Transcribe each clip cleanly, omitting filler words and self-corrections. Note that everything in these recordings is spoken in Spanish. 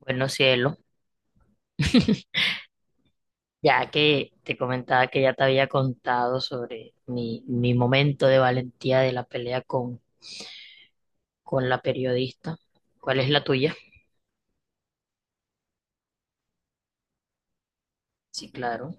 Bueno, cielo, ya que te comentaba que ya te había contado sobre mi momento de valentía de la pelea con la periodista, ¿cuál es la tuya? Sí, claro,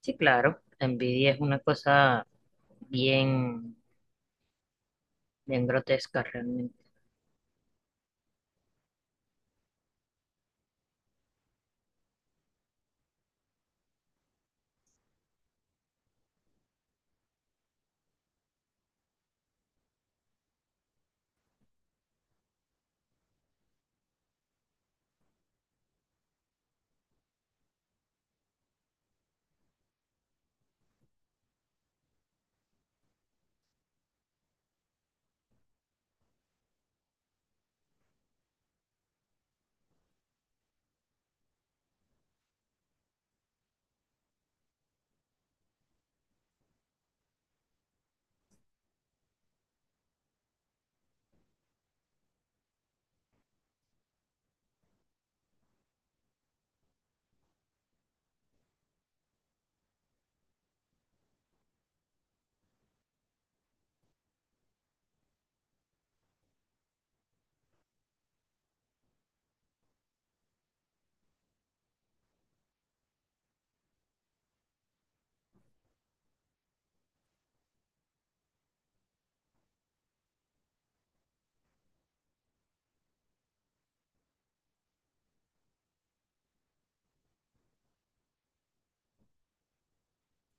sí, claro. La envidia es una cosa bien, bien grotesca realmente.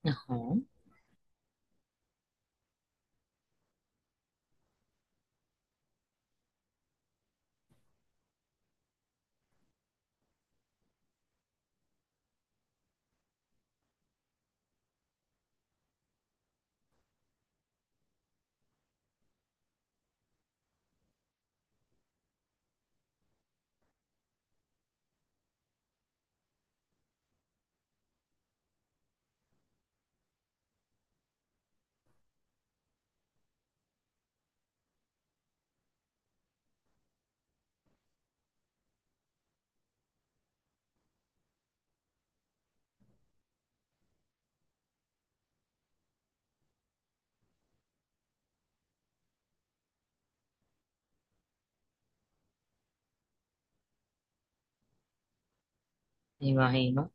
Ajá, me imagino.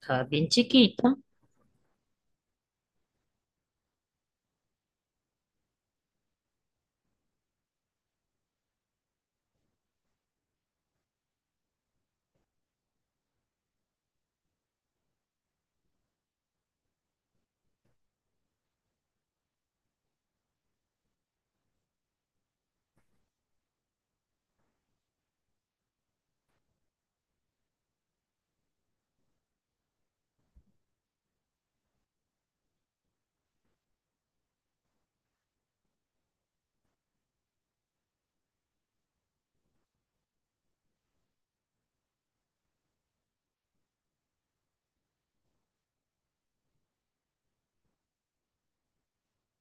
Estaba bien chiquita.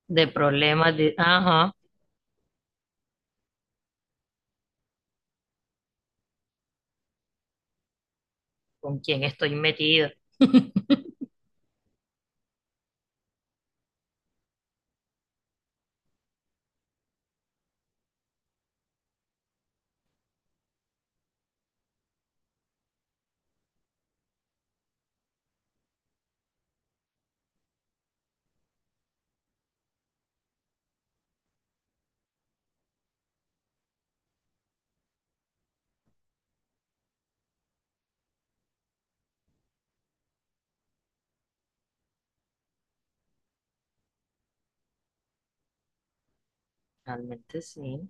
De problemas de, ajá, ¿con quién estoy metida? Realmente sí,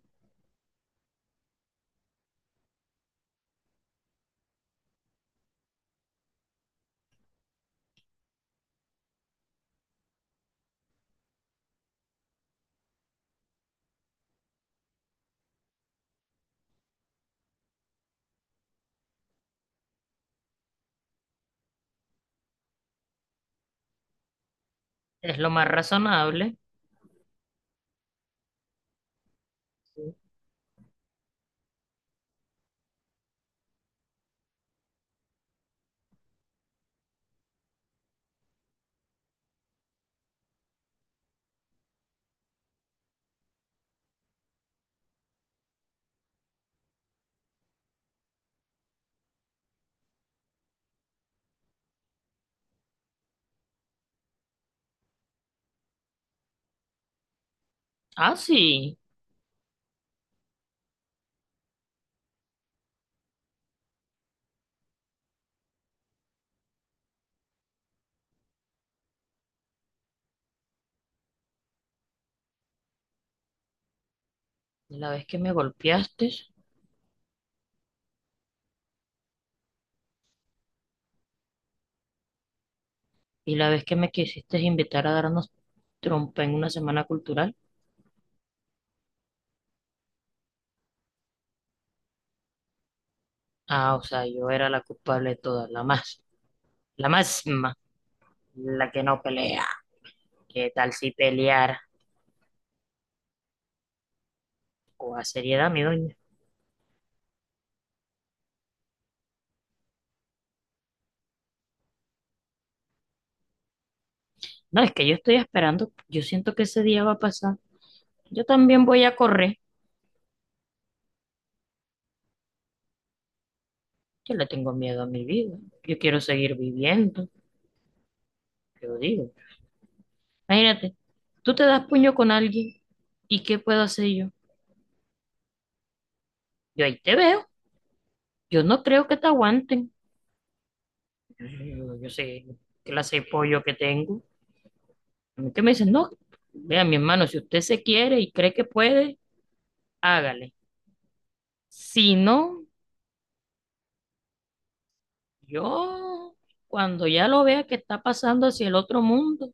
es lo más razonable. Sí. Ah, sí. La vez que me golpeaste y la vez que me quisiste invitar a darnos trompa en una semana cultural. Ah, o sea, yo era la culpable de todas, la más, la máxima, la que no pelea. ¿Qué tal si peleara? O a seriedad, mi doña. No, es que yo estoy esperando, yo siento que ese día va a pasar. Yo también voy a correr. Yo le tengo miedo a mi vida. Yo quiero seguir viviendo, yo digo. Imagínate, tú te das puño con alguien y ¿qué puedo hacer yo? Yo ahí te veo. Yo no creo que te aguanten. Yo sé qué clase de pollo que tengo. A mí que me dicen, no, vea, mi hermano, si usted se quiere y cree que puede, hágale. Si no, yo, cuando ya lo vea que está pasando hacia el otro mundo,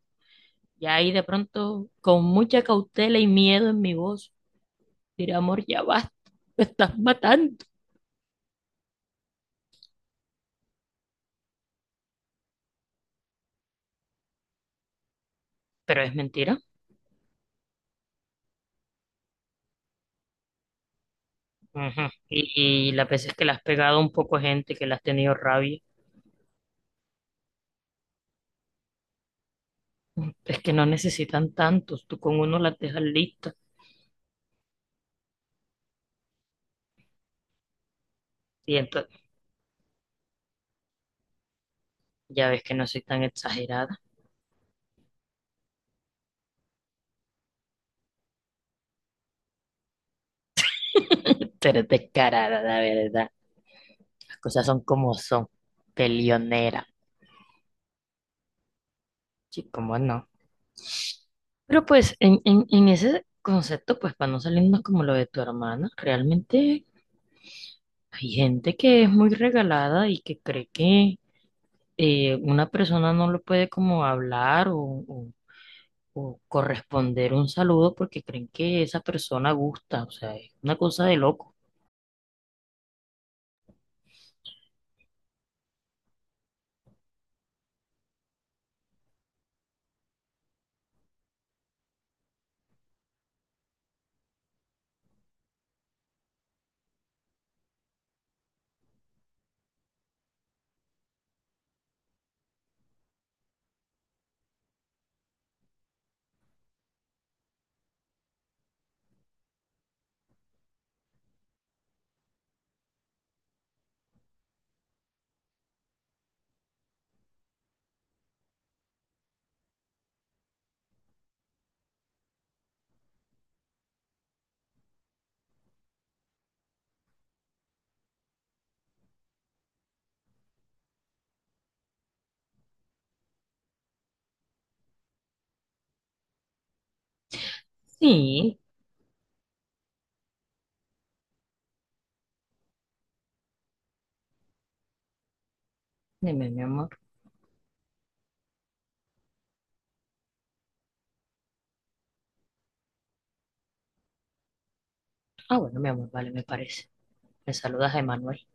ya ahí de pronto, con mucha cautela y miedo en mi voz, diré, amor, ya basta, me estás matando. Pero es mentira. Ujú. Y las veces que le has pegado un poco a gente, que le has tenido rabia, es que no necesitan tantos, tú con uno las dejas listas. Y ento- Ya ves que no soy tan exagerada, pero descarada, la verdad. Las cosas son como son, peleonera. Sí, cómo no. Pero pues en ese concepto, pues para no salirnos como lo de tu hermana, realmente hay gente que es muy regalada y que cree que una persona no lo puede como hablar o- o corresponder un saludo porque creen que esa persona gusta. O sea, es una cosa de loco. Sí, dime, mi amor. Ah, bueno, mi amor, vale, me parece. Me saludas Emanuel.